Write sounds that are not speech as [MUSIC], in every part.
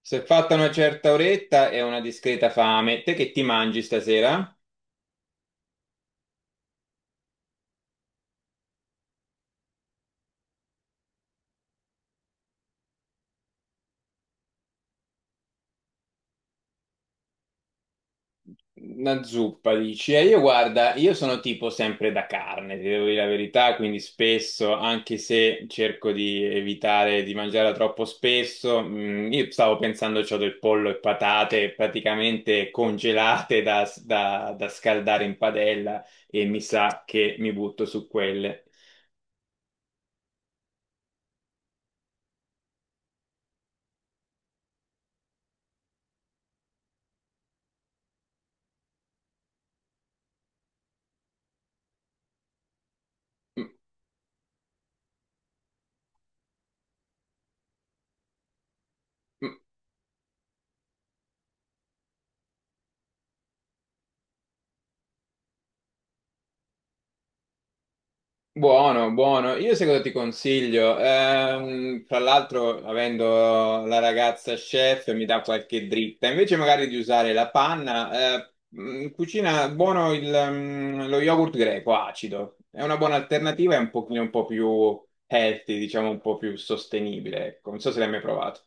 Se è fatta una certa oretta e una discreta fame, te che ti mangi stasera? Una zuppa, dici. E io guarda, io sono tipo sempre da carne, ti devo dire la verità, quindi spesso, anche se cerco di evitare di mangiarla troppo spesso, io stavo pensando c'ho del pollo e patate praticamente congelate da scaldare in padella e mi sa che mi butto su quelle. Mm, mm. Buono, buono. Io sai cosa ti consiglio? Tra l'altro, avendo la ragazza chef, mi dà qualche dritta. Invece magari di usare la panna, cucina buono lo yogurt greco acido. È una buona alternativa, è un pochino un po' più healthy, diciamo un po' più sostenibile. Ecco. Non so se l'hai mai provato.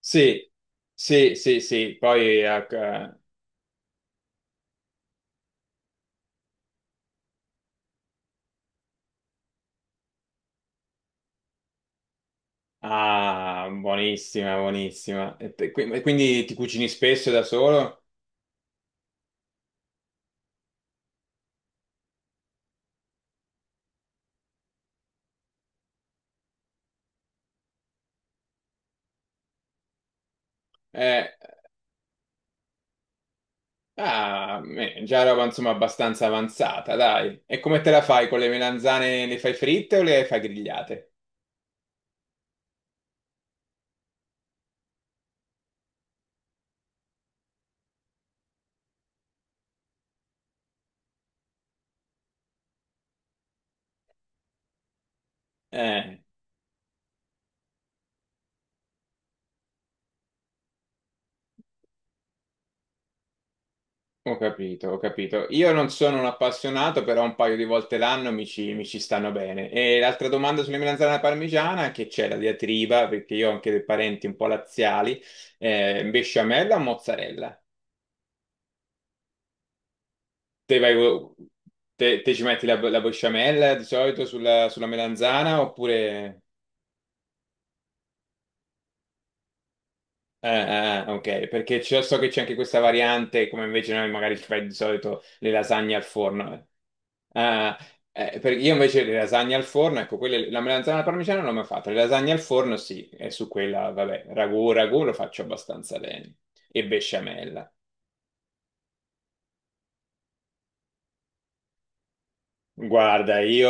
Sì, sì, sì, sì. Poi, ecco. Ah, buonissima, buonissima. E quindi ti cucini spesso da solo? Eh, Ah, beh, già roba insomma abbastanza avanzata, dai. E come te la fai con le melanzane? Le fai fritte o le fai grigliate? Eh, ho capito, ho capito. Io non sono un appassionato, però un paio di volte l'anno mi ci stanno bene. E l'altra domanda sulle melanzane alla parmigiana, che c'è la diatriba, perché io ho anche dei parenti un po' laziali, besciamella o mozzarella? Te, vai, te ci metti la besciamella di solito sulla melanzana oppure. Ok, perché so che c'è anche questa variante, come invece noi magari ci fai di solito le lasagne al forno. Ah, io invece le lasagne al forno, ecco, quelle, la melanzana alla parmigiana non l'ho mai fatta, le lasagne al forno sì, e su quella, vabbè, ragù lo faccio abbastanza bene, e besciamella. Guarda, io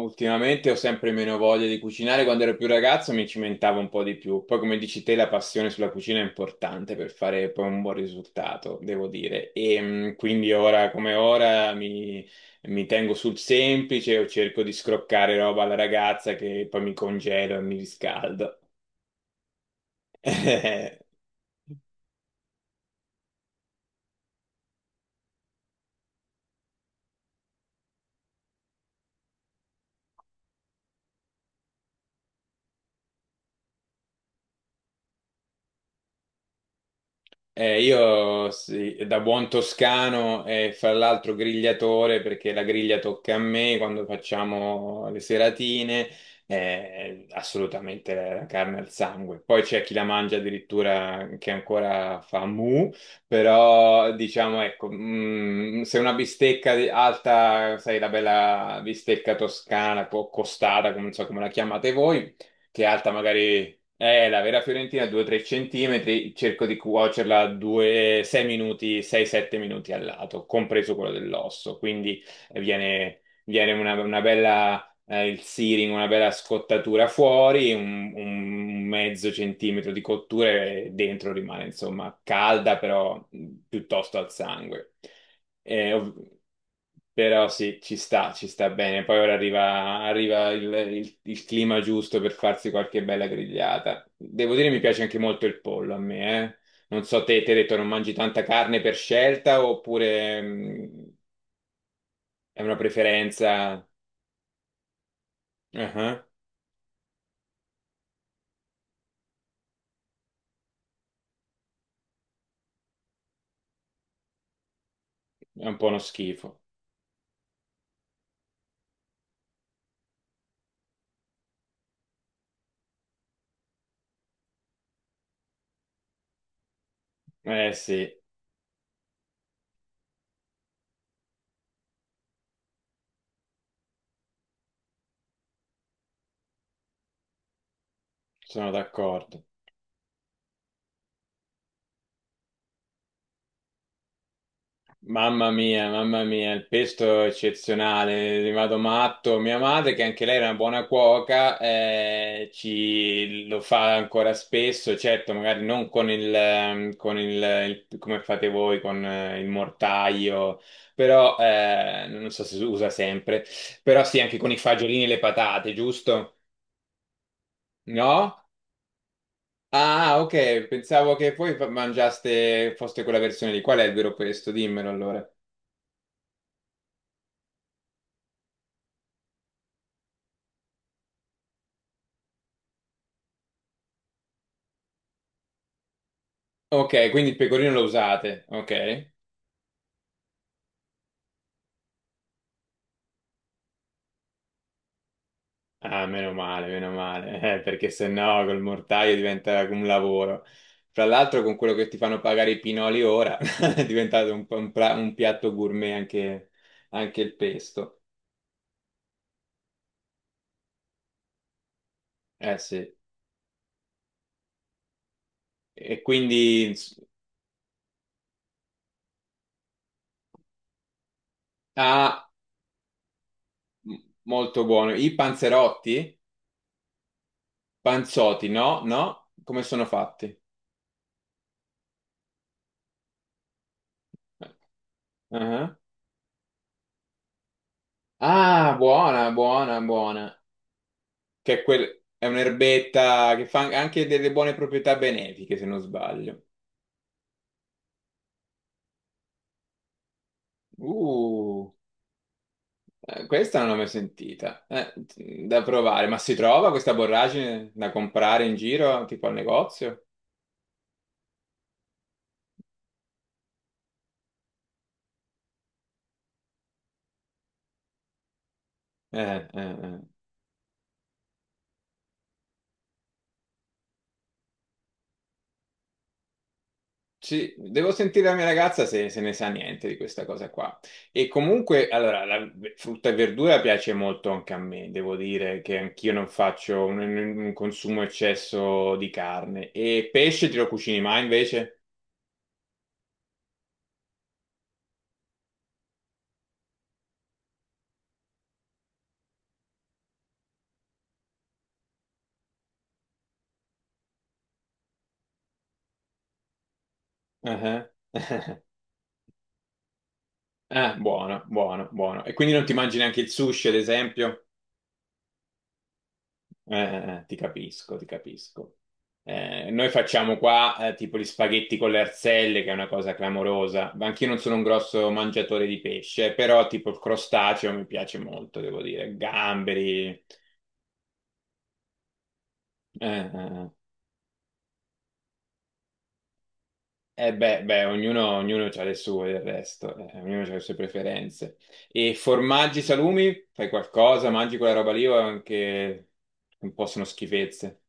ultimamente ho sempre meno voglia di cucinare. Quando ero più ragazzo mi cimentavo un po' di più. Poi, come dici te, la passione sulla cucina è importante per fare poi un buon risultato, devo dire. E quindi ora come ora mi tengo sul semplice o cerco di scroccare roba alla ragazza che poi mi congelo e mi riscaldo. [LAUGHS] Io sì, da buon toscano e fra l'altro grigliatore perché la griglia tocca a me quando facciamo le seratine, assolutamente la carne al sangue. Poi c'è chi la mangia addirittura che ancora fa mu, però diciamo ecco, se una bistecca alta, sai, la bella bistecca toscana, costata, come non so come la chiamate voi, che è alta magari è la vera Fiorentina 2-3 centimetri, cerco di cuocerla 2, 6 minuti, 6-7 minuti al lato, compreso quello dell'osso, quindi viene una bella, il searing, una bella scottatura fuori, un mezzo centimetro di cottura e dentro rimane insomma calda, però piuttosto al sangue. Eh, ov- però sì, ci sta bene. Poi ora arriva il clima giusto per farsi qualche bella grigliata. Devo dire, mi piace anche molto il pollo a me, eh. Non so, te, ti hai detto non mangi tanta carne per scelta oppure è una preferenza? Ah, ah. È un po' uno schifo. Eh sì, sono d'accordo. Mamma mia, il pesto è eccezionale, ne vado matto. Mia madre, che anche lei era una buona cuoca, ci lo fa ancora spesso, certo, magari non con il, come fate voi, con il mortaio, però non so se si usa sempre, però sì, anche con i fagiolini e le patate, giusto? No? Ah, ok, pensavo che voi mangiaste, foste quella versione lì. Qual è il vero pesto? Dimmelo allora. Ok, quindi il pecorino lo usate, ok? Ah, meno male, [LAUGHS] perché sennò col mortaio diventa un lavoro. Fra l'altro con quello che ti fanno pagare i pinoli ora [LAUGHS] è diventato un po' un piatto gourmet anche, anche il pesto. Eh sì, e quindi. Ah, m- molto buono. I panzerotti? Panzotti, no? No? Come sono fatti? Eh, Ah, ah. Ah, buona, buona, buona. Che è, è un'erbetta che fa anche delle buone proprietà benefiche, se non sbaglio. Uh, questa non l'ho mai sentita. Da provare, ma si trova questa borragine da comprare in giro, tipo al negozio? Eh, eh, eh. Sì, devo sentire la mia ragazza se ne sa niente di questa cosa qua. E comunque, allora, la frutta e verdura piace molto anche a me, devo dire che anch'io non faccio un consumo eccesso di carne. E pesce te lo cucini mai invece? Ah, ah. [LAUGHS] Ah, buono, buono, buono. E quindi non ti mangi neanche il sushi, ad esempio? Eh, ti capisco, ti capisco. Noi facciamo qua tipo gli spaghetti con le arzelle, che è una cosa clamorosa. Ma anch'io non sono un grosso mangiatore di pesce, però tipo il crostaceo mi piace molto, devo dire. Gamberi. Eh, eh. Eh beh, ognuno ha le sue del resto, ognuno ha le sue preferenze. E formaggi, salumi, fai qualcosa, mangi quella roba lì o anche un po' sono schifezze?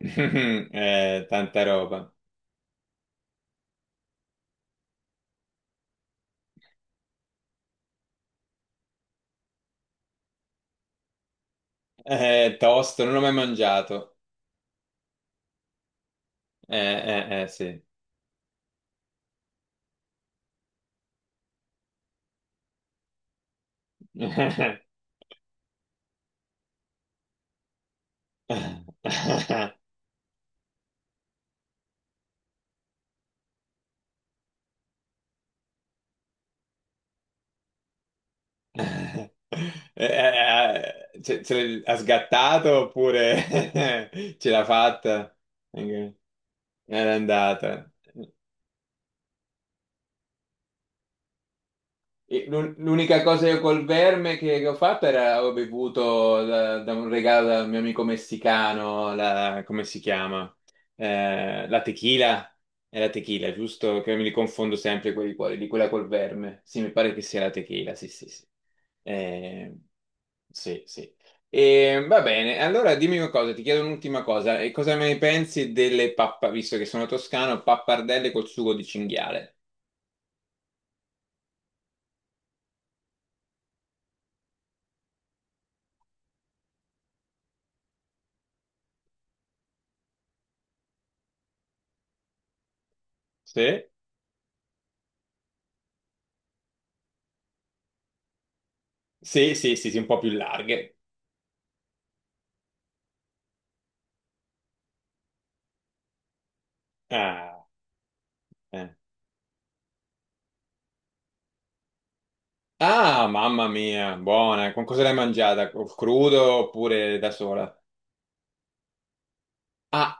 [LAUGHS] Tanta roba. Tosto, non l'ho mai mangiato. Sì. [LAUGHS] Ce l'ha sgattato oppure [LAUGHS] ce l'ha fatta? Ok. Era andata. E l'unica cosa io col verme che ho fatto era ho bevuto da un regalo da un mio amico messicano, la, come si chiama? La tequila. È la tequila, giusto? Che mi li confondo sempre quelli cuori, di quella col verme. Sì, mi pare che sia la tequila, sì, sì, sì. Eh, sì, sì. E, va bene, allora dimmi una cosa, ti chiedo un'ultima cosa. E cosa ne pensi delle pappa, visto che sono toscano, pappardelle col sugo di cinghiale? Sì, sì, sì, sì, sì, un po' più larghe. Ah, eh. Ah, mamma mia, buona. Con cosa l'hai mangiata? Crudo oppure da sola? Ah,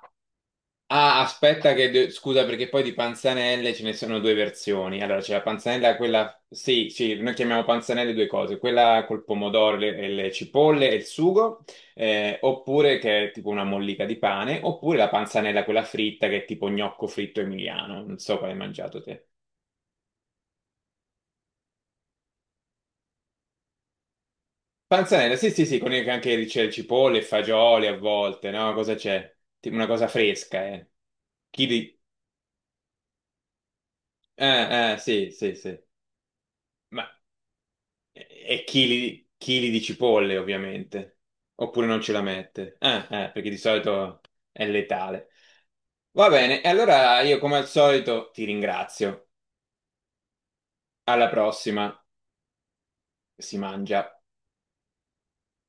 ah, aspetta che, Scusa, perché poi di panzanelle ce ne sono due versioni. Allora, c'è la panzanella, quella. Sì, sì, noi chiamiamo panzanelle due cose. Quella col pomodoro e le cipolle e il sugo, oppure che è tipo una mollica di pane, oppure la panzanella quella fritta che è tipo gnocco fritto emiliano. Non so quale hai mangiato te. Panzanella, sì, sì, sì, con anche c'è le cipolle, fagioli a volte, no? Cosa c'è? Tipo una cosa fresca, eh. Chili. Sì, sì, sì. Ma. E chili, chili di cipolle, ovviamente. Oppure non ce la mette. Perché di solito è letale. Va bene, e allora io come al solito ti ringrazio. Alla prossima, si mangia.